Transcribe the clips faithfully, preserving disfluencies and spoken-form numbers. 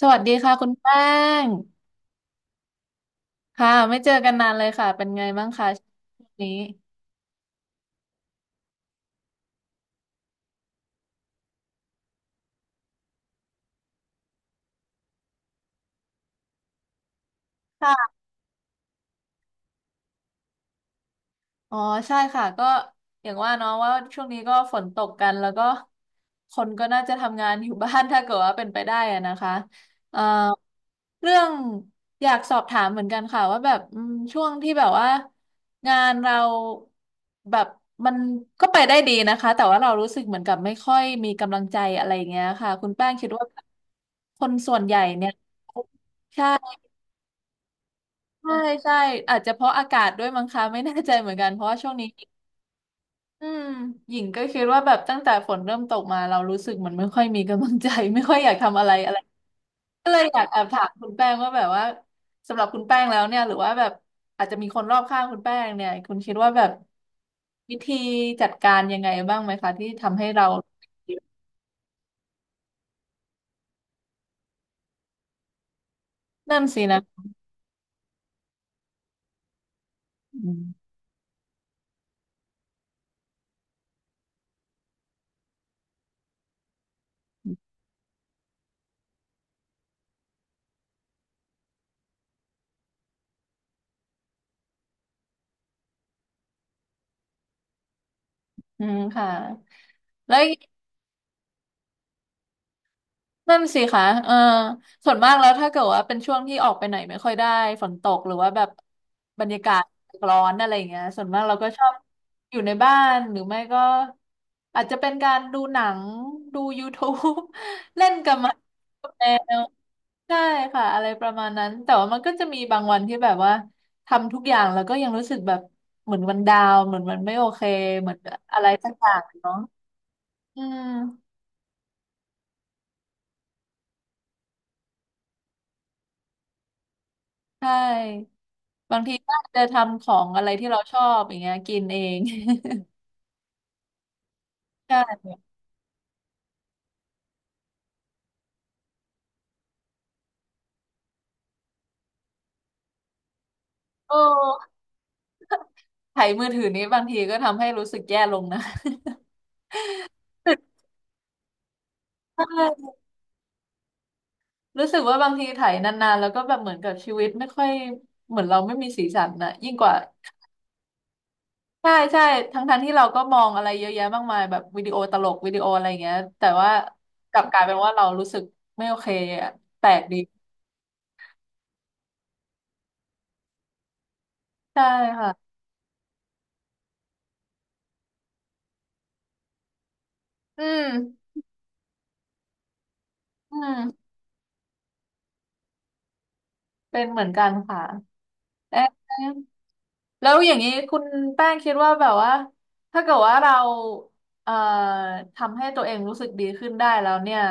สวัสดีค่ะคุณแป้งค่ะไม่เจอกันนานเลยค่ะเป็นไงบ้างคะช่วงนี้ค่ะ อ๋อใช่ค่ะก็อย่างว่าเนาะว่าช่วงนี้ก็ฝนตกกันแล้วก็คนก็น่าจะทำงานอยู่บ้าน ถ้าเกิดว่าเป็นไปได้อะนะคะเอ่อเรื่องอยากสอบถามเหมือนกันค่ะว่าแบบอืมช่วงที่แบบว่างานเราแบบมันก็ไปได้ดีนะคะแต่ว่าเรารู้สึกเหมือนกับไม่ค่อยมีกำลังใจอะไรอย่างเงี้ยค่ะคุณแป้งคิดว่าคนส่วนใหญ่เนี่ยใช่ใช่ใช่อาจจะเพราะอากาศด้วยมั้งคะไม่แน่ใจเหมือนกันเพราะว่าช่วงนี้ อืมหญิงก็คิดว่าแบบตั้งแต่ฝนเริ่มตกมาเรารู้สึกเหมันไม่ค่อยมีกำลังใจ ไม่ค่อยอยากทำอะไรอะไรก็เลยอยากแอบถามคุณแป้งว่าแบบว่าสำหรับคุณแป้งแล้วเนี่ยหรือว่าแบบอาจจะมีคนรอบข้างคุณแป้งเนี่ยคุณคิดว่าแบบวิธีจัดการยังไงบ้างไหมคะที่ทำให้เรานั่นสินะอืมอืมค่ะแล้ว นั่นสิคะเออส่วนมากแล้วถ้าเกิดว่าเป็นช่วงที่ออกไปไหนไม่ค่อยได้ฝนตกหรือว่าแบบบรรยากาศร้อนอะไรอย่างเงี้ยส่วนมากเราก็ชอบอยู่ในบ้านหรือไม่ก็อาจจะเป็นการดูหนังดูยู u ูบ e เล่นกับหมากับแมวใช่ค่ะอะไรประมาณนั้นแต่ว่ามันก็จะมีบางวันที่แบบว่าทำทุกอย่างแล้วก็ยังรู้สึกแบบเหมือนมันดาวน์เหมือนมันไม่โอเคเหมือนอะไรสักอย่างเนาะอืมใช่ บางทีก็อาจจะทำของอะไรที่เราชอบอย่างเงี้ยกินเอง ใช่โอ้ไถมือถือนี้บางทีก็ทำให้รู้สึกแย่ลงนะ ใช่รู้สึกว่าบางทีไถนานๆแล้วก็แบบเหมือนกับชีวิตไม่ค่อยเหมือนเราไม่มีสีสันนะยิ่งกว่าใช่ใช่ทั้งๆที่เราก็มองอะไรเยอะแยะมากมายแบบวิดีโอตลกวิดีโออะไรอย่างเงี้ยแต่ว่ากลับกลายเป็นว่าเรารู้สึกไม่โอเคอะแปลกดีใช่ค่ะอืมอืมเป็นเหมือนกันค่ะเอ๊ะ แล้วอย่างนี้คุณแป้งคิดว่าแบบว่าถ้าเกิดว่าเราเอ่อทำให้ตัวเองรู้สึกดีขึ้นได้แล้วเนี่ย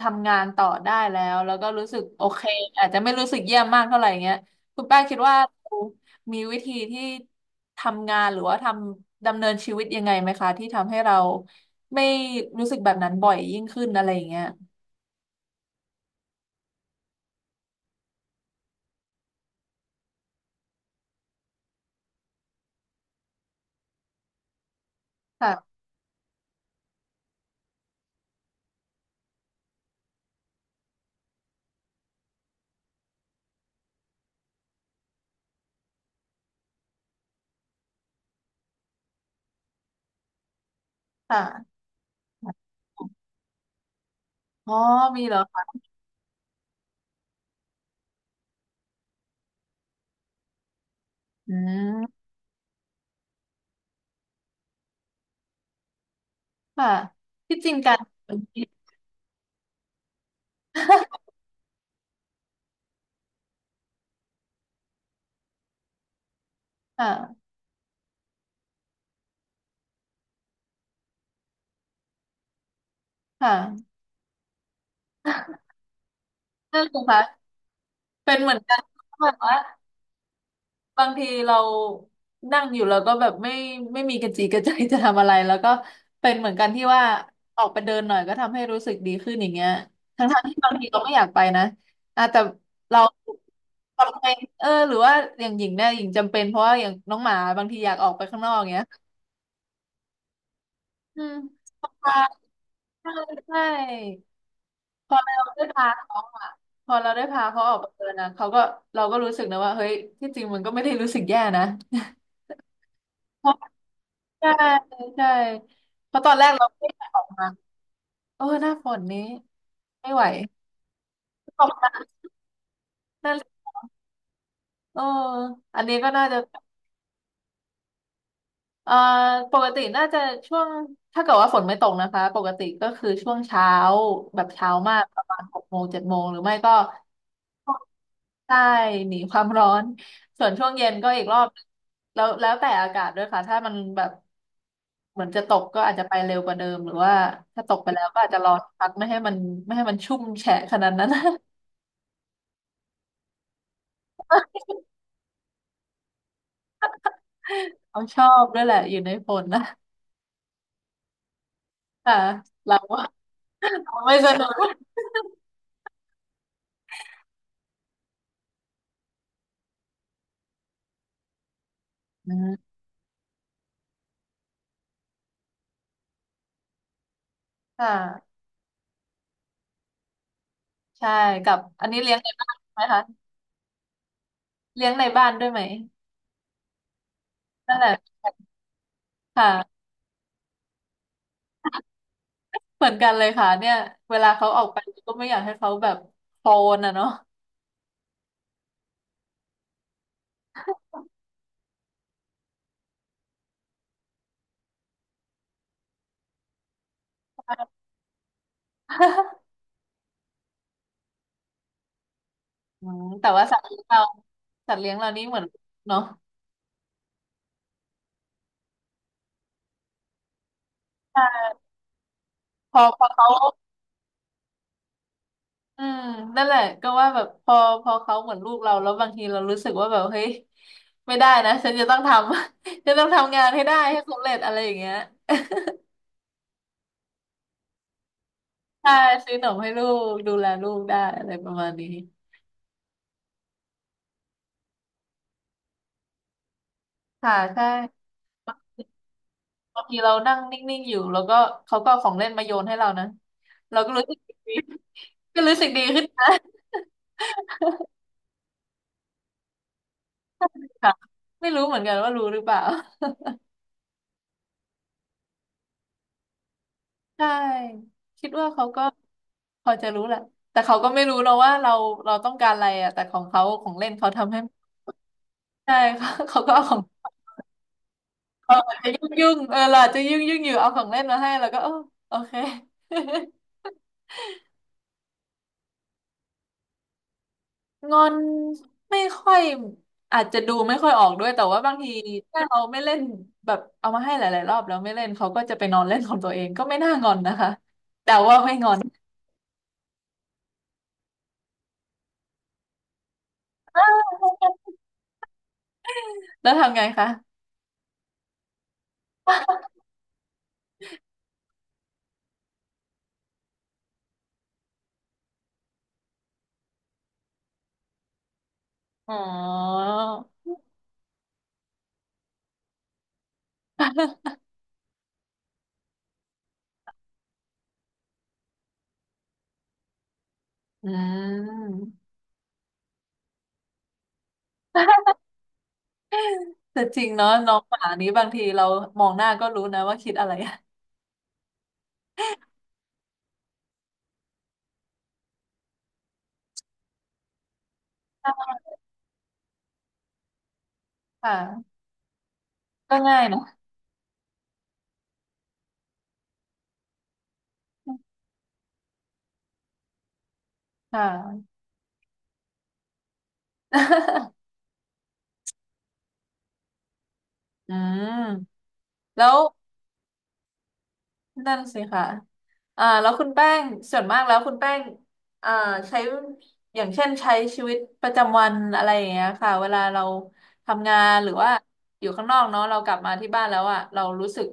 ทำงานต่อได้แล้วแล้วก็รู้สึกโอเคอาจจะไม่รู้สึกเยี่ยมมากเท่าไหร่เงี้ยคุณแป้งคิดว่าเรามีวิธีที่ทำงานหรือว่าทำดำเนินชีวิตยังไงไหมคะที่ทำให้เราไม่รู้สึกแบบนั้นบ่อยยิ่งขึ้นอะไรอย่างเงี้ยค่ะค่ะอ๋อมีเหรอคะอืมค่ะที่จริงการ ค่ะค่ะนั่นสิคะเป็นเหมือนกันแบบว่าบางทีเรานั่งอยู่แล้วก็แบบไม่ไม่มีกระจีกระใจจะทำอะไรแล้วก็เป็นเหมือนกันที่ว่าออกไปเดินหน่อยก็ทำให้รู้สึกดีขึ้นอย่างเงี้ยทั้งๆที่บางทีเราไม่อยากไปนะอ่ะแต่เราทำไมเออหรือว่าอย่างหญิงเนี่ยหญิงจำเป็นเพราะว่าอย่างน้องหมาบางทีอยากออกไปข้างนอกอย่างเงี้ยอืมใช่ใช่ พอเราได้พาเขาอะพอเราได้พาเขาออกไปเดินนะเขาก็เราก็รู้สึกนะว่า เฮ้ย ที่จริงมันก็ไม่ได้รู้สึกแย่นะ เพราะใช่ใช่เพราะตอนแรกเราไม่อยากออกมาเออหน้าฝนนี้ไม่ไหว ตกน้ำนั่นแหละเอออันนี้ก็น่าจะเอ่อปกติน่าจะช่วง ถ้าเกิดว่าฝนไม่ตกนะคะ ปกติก็คือช่วงเช้าแบบเช้ามากประมาณหกโมงเจ็ดโมงหรือไม่ก็ ใช่หนีความร้อนส่วนช่วงเย็นก็อีกรอบแล้วแล้วแต่อากาศด้วยค่ะถ้ามันแบบเหมือนจะตกก็อาจจะไปเร็วกว่าเดิมหรือว่าถ้าตกไปแล้วก็อาจจะรอสักพักไม่ให้มันไม่ให้มันชุ่มแฉะขนาดนั้น เขาชอบด้วยแหละอยู่ในฝนนะค่ะเราว่าเราไม่สนุกอืมค่ะใช่กับอันนี้เลี้ยงในบ้านไหมคะเลี้ยงในบ้านด้วยไหมนั่นแหละค่ะเหมือนกันเลยค่ะเนี่ยเวลาเขาออกไปก็ไม่อยากให้เขาแบบโคนอ่ะเนาะ อืมแต่ว่าสัตว์เลี้ยงเราสัตว์เลี้ยงเรานี่เหมือนเนาะ่พอพอเขาอืมนั่นแหละก็ว่าแบบพอพอเขาเหมือนลูกเราแล้วบางทีเรารู้สึกว่าแบบเฮ้ยไม่ได้นะฉันจะต้องทำ ฉันต้องทำงานให้ได้ให้สำเร็จอะไรอย่างเงี้ยใช่ซื้อขนมให้ลูกดูแลลูกได้อะไรประมาณนี้ค่ะใช่บางทีเรานั่งนิ่งๆอยู่แล้วก็เขาก็เอาของเล่นมาโยนให้เรานะเราก็รู้สึกดี ก็รู้สึกดีขึ้นนะค่ะไม่รู้เหมือนกันว่ารู้หรือเปล่า ใช่คิดว่าเขาก็พอจะรู้แหละแต่เขาก็ไม่รู้เราว่าเราเราต้องการอะไรอ่ะแต่ของเขาของเล่นเขาทำให้ใช่ค่ะเขาก็เอาของเราอาจจะยุ่งยุ่งเออเราอาจจะยุ่งยุ่งอยู่เอาของเล่นมาให้เราก็เออโอเคงอนไม่ค่อยอาจจะดูไม่ค่อยออกด้วยแต่ว่าบางทีถ้าเราไม่เล่นแบบเอามาให้หลายๆรอบแล้วไม่เล่นเขาก็จะไปนอนเล่นของตัวเองก็ไม่น่างอนนะคะแต่ว่าไม่งอน แล้วทำไงคะอ๋ออืม แต่จริงเนาะน้องหมานี้บางทีเรามองหน้าก็รู้นะว่าคิดอะไรค่ะก็ง่ายนะค่ะ อืมแล้วนั่นสิค่ะอ่าแล้วคุณแป้งส่วนมากแล้วคุณแป้งอ่าใช้อย่างเช่นใช้ชีวิตประจำวันอะไรอย่างเงี้ยค่ะเวลาเราทำงานหรือว่าอยู่ข้างนอกเนาะเรากลับมาที่บ้านแล้วอ่ะเรารู้สึก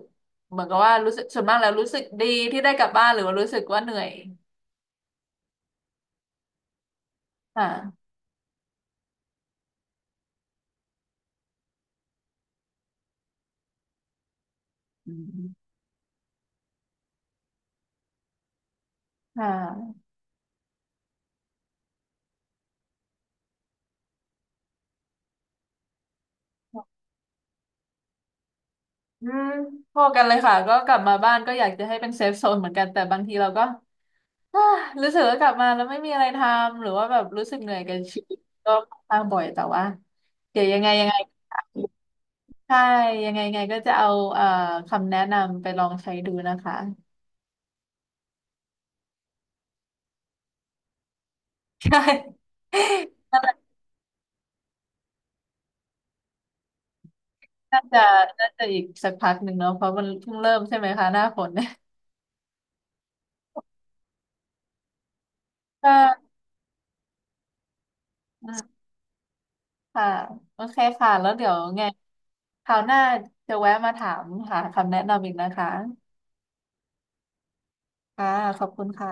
เหมือนกับว่ารู้สึกส่วนมากแล้วรู้สึกดีที่ได้กลับบ้านหรือว่ารู้สึกว่าเหนื่อยค่ะอืมค่ะ อืมพอกันเลยค่ะก็กลับมาบ้านก็อยากจะให้เป็นเซฟโซนเหมือนกันแต่บางทีเราก็ อ่ารู้สึกว่ากลับมาแล้วไม่มีอะไรทำหรือว่าแบบรู้สึกเหนื่อยกับชีวิตก็ค่อนข้างบ่อยแต่ว่าเดี๋ยวยังไงยังไงใช่ยังไงยังไงก็จะเอาเอ่อคำแนะนำไปลองใช้ดูนะคะใช่น่าจะน่าจะอีกสักพักหนึ่งเนาะเพราะมันเพิ่งเริ่มใช่ไหมคะหน้าฝนเนี่ยก็อืมค่ะโอเคค่ะแล้วเดี๋ยวไงคราวหน้าจะแวะมาถามหาคำแนะนำอีกนะคะ ค่ะขอบคุณค่ะ